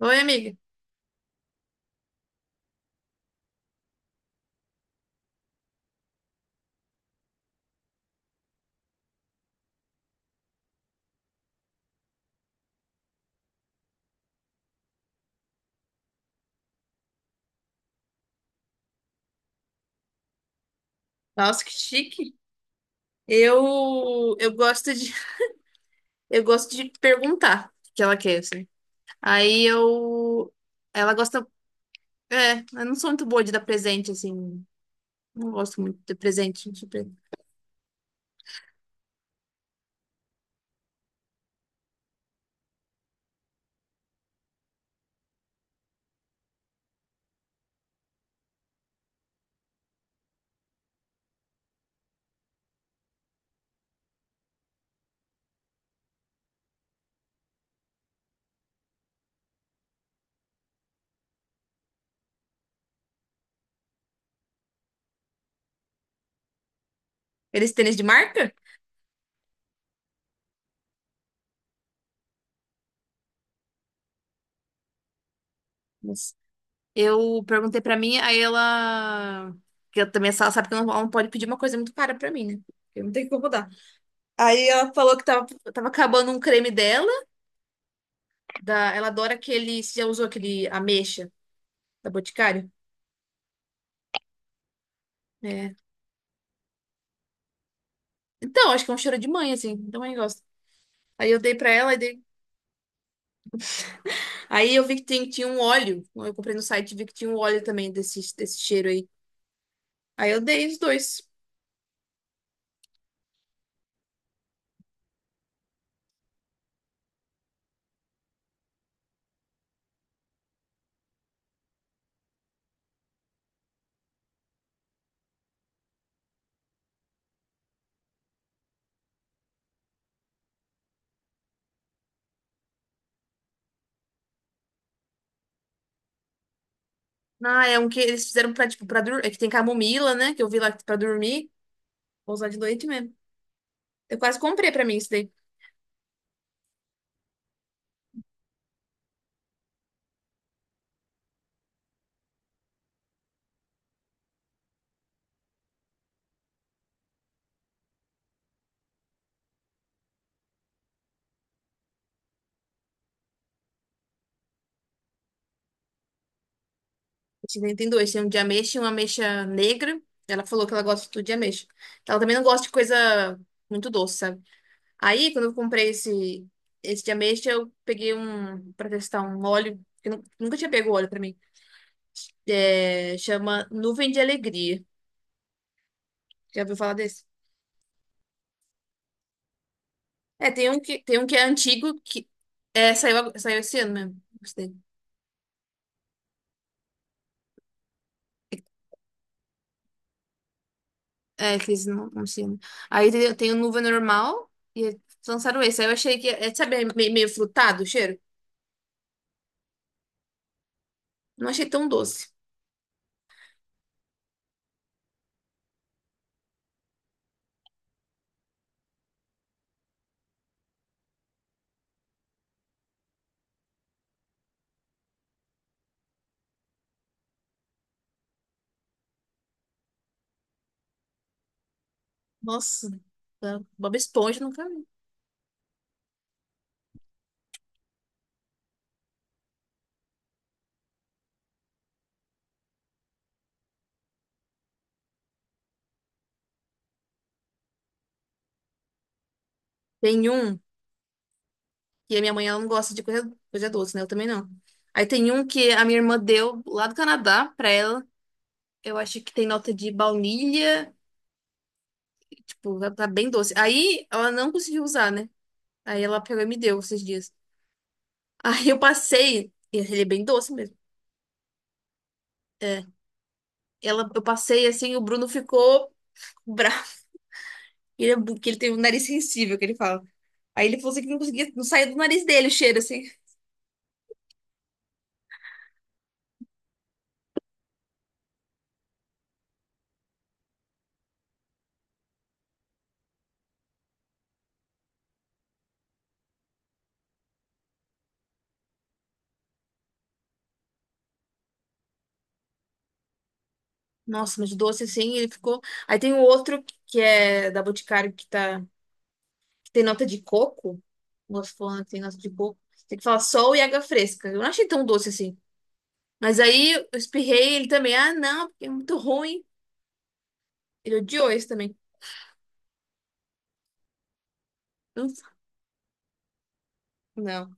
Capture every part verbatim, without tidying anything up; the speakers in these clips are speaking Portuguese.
Oi, amiga. Nossa, que chique. Eu eu gosto de eu gosto de perguntar o que ela quer, assim. Aí eu ela gosta, é, eu não sou muito boa de dar presente assim. Não gosto muito de presente, de pre- Eles tênis de marca? Mas eu perguntei pra mim, aí ela que eu também ela sabe que ela não, ela não pode pedir uma coisa muito cara pra mim, né? Eu não tenho como dar. Aí ela falou que tava, tava acabando um creme dela, da, ela adora aquele. Você já usou aquele ameixa da Boticário? É. Então, acho que é um cheiro de mãe, assim. Também gosto. Aí eu dei pra ela, e dei... Aí eu vi que tem- tinha um óleo. Eu comprei no site e vi que tinha um óleo também desse, desse cheiro aí. Aí eu dei os dois. Ah, é um que eles fizeram pra, tipo, pra dormir. É que tem camomila, né? Que eu vi lá pra dormir. Vou usar de noite mesmo. Eu quase comprei pra mim isso daí. Esse daí Tem dois. Tem um de ameixa e uma ameixa negra. Ela falou que ela gosta de tudo de ameixa. Ela também não gosta de coisa muito doce, sabe? Aí, quando eu comprei esse, esse de ameixa, eu peguei um para testar um óleo, que eu nu- nunca tinha pego óleo para mim. É, chama Nuvem de Alegria. Já ouviu falar desse? É, tem um que, tem um que é antigo, que é, saiu, ag- saiu esse ano mesmo. Gostei. É, que eles não, não ensinam. Aí tem, tem o Nuvem Normal e eles lançaram esse. Aí eu achei que, é, sabe, é meio, meio frutado o cheiro? Não achei tão doce. Nossa, tá- Bob Esponja nunca vi. Tem um. E a minha mãe, ela não gosta de coisa, coisa doce, né? Eu também não. Aí tem um que a minha irmã deu lá do Canadá pra ela. Eu acho que tem nota de baunilha. Tipo, tá tá bem doce. Aí ela não conseguiu usar, né? Aí ela pegou e me deu esses dias. Aí eu passei. e Ele é bem doce mesmo. Ela, eu passei assim, o Bruno ficou bravo. Ele, é bu- que ele tem um nariz sensível, que ele fala. Aí ele falou assim que não conseguia, não saía do nariz dele o cheiro, assim. Nossa, mas doce assim, ele ficou. Aí tem o outro que é da Boticário que tá, que tem nota de coco. Moço falando tem nota de coco. Tem que falar sol e água fresca. Eu não achei tão doce assim. Mas aí eu espirrei ele também. Ah, não, porque é muito ruim. Ele odiou esse também. Não. Não.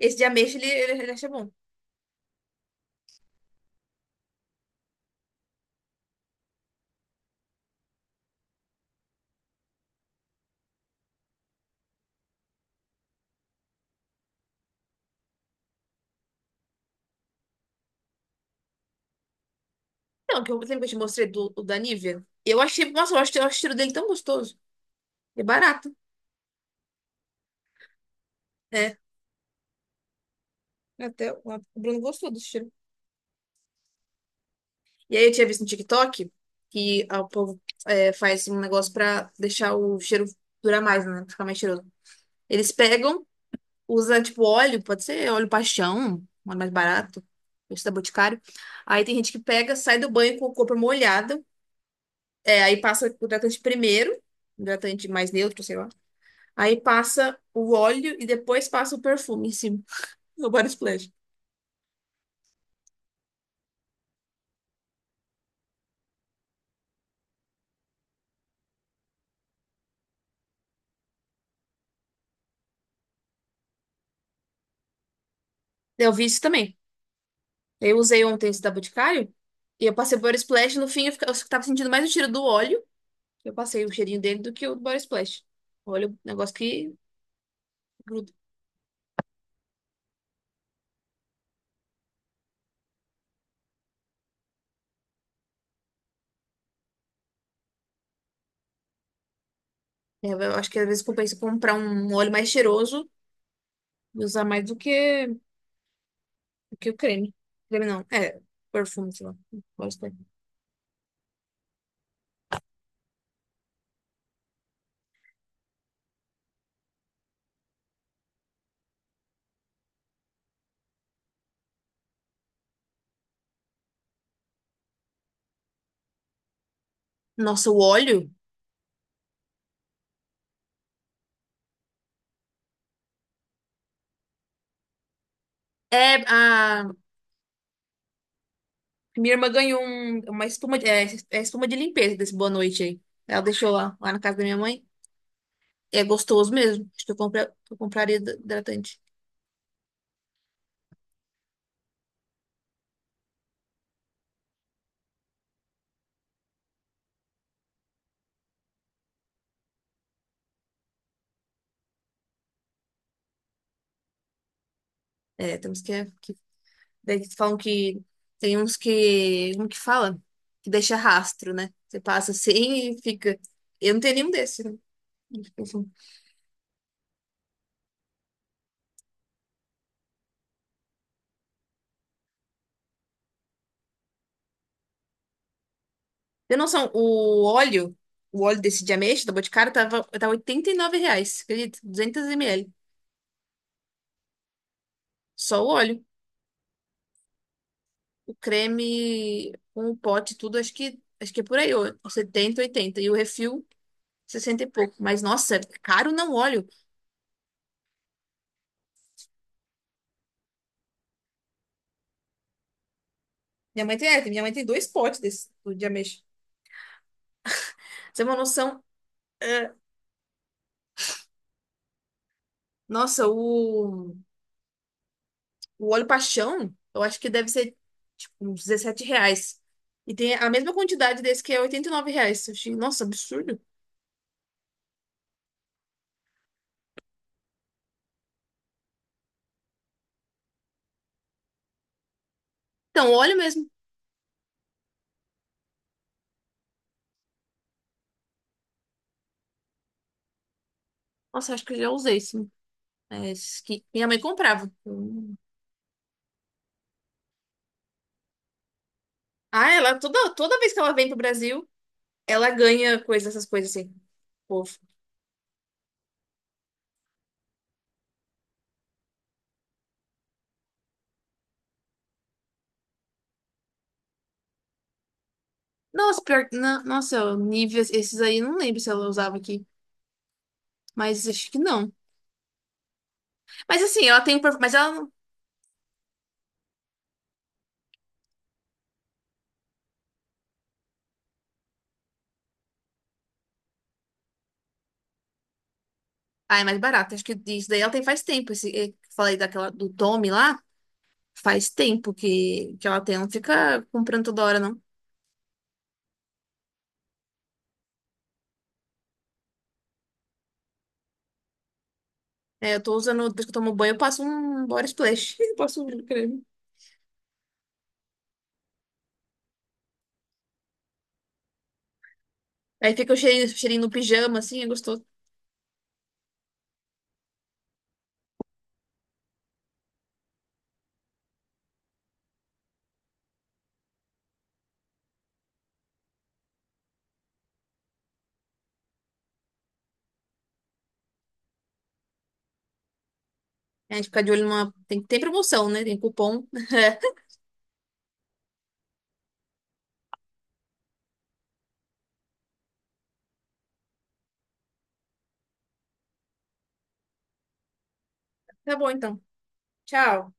Esse de ameixa ele, ele, ele acha bom. Não, que eu lembro que eu te mostrei do, o da Nivea. Eu achei, nossa, eu acho, eu acho o cheiro dele tão gostoso. É barato. É, até o o Bruno gostou do cheiro. E aí eu tinha visto no TikTok que ah, o povo é, faz um negócio pra deixar o cheiro durar mais, né? Ficar mais cheiroso. Eles pegam. Usa, tipo, óleo, pode ser óleo paixão, um óleo mais barato, esse da Boticário. Aí tem gente que pega, sai do banho com o corpo molhado, é, aí passa o hidratante primeiro, hidratante mais neutro, sei lá. Aí passa o óleo e depois passa o perfume em cima, o body splash. Eu vi isso também. Eu usei ontem esse da Boticário e eu passei o body splash. No fim eu, fica- eu tava sentindo mais o cheiro do óleo, eu passei o cheirinho dele do que o do body splash. Óleo, é um negócio que gruda. É, Eu acho que às vezes compensa comprar um óleo mais cheiroso E usar mais do que, do que o creme. Creme não, é, perfume, sei lá. Pode ter. Nossa, o óleo? É, a minha irmã ganhou um- uma espuma, de- é, é espuma de limpeza desse Boa Noite aí. Ela deixou lá, lá na casa da minha mãe. É gostoso mesmo. Acho que eu, compra- eu compraria hid- hidratante. É, temos que, é, que. Daí eles falam que. Tem uns que. Como que fala? Que deixa rastro, né? Você passa assim e fica. Eu não tenho nenhum desses. né? Tem noção, o óleo, o óleo desse de ameixa da Boticário tava, tava oitenta e nove reais, acredita? Duzentos ml. Só o óleo. O creme com o pote e tudo, acho que, acho que é por aí, ó, setenta oitenta E o refil, sessenta e pouco. Mas, nossa, é caro não óleo. Minha mãe tem, é, minha mãe tem dois potes desse do de ameixa. Pra Você tem uma noção? é, Nossa, o, o óleo paixão, eu acho que deve ser, tipo, uns dezessete reais. E tem a mesma quantidade desse que é oitenta e nove reais. Eu achei, nossa, absurdo. Então, óleo mesmo. Nossa, acho que eu já usei sim. É, esse que minha mãe comprava. Hum. Ah, ela toda, toda vez que ela vem pro Brasil, ela ganha coisas, essas coisas assim. Fofo. Nossa, pior, na- nossa, níveis, esses aí não lembro se ela usava aqui, mas acho que não. Mas assim, ela tem, um perfu- mas ela, não- ah, é mais barato. Acho que isso daí ela tem faz tempo. Esse, eu falei daquela do Tommy lá, faz tempo que que ela tem. Ela não fica comprando toda hora não. É, eu tô usando, depois que eu tomo banho, eu passo um body splash. Eu passo um creme. Aí fica o cheirinho, cheirinho no pijama, assim, é gostoso. É, A gente fica de olho numa. Tem, tem promoção, né? Tem cupom. Tá bom, então. Tchau.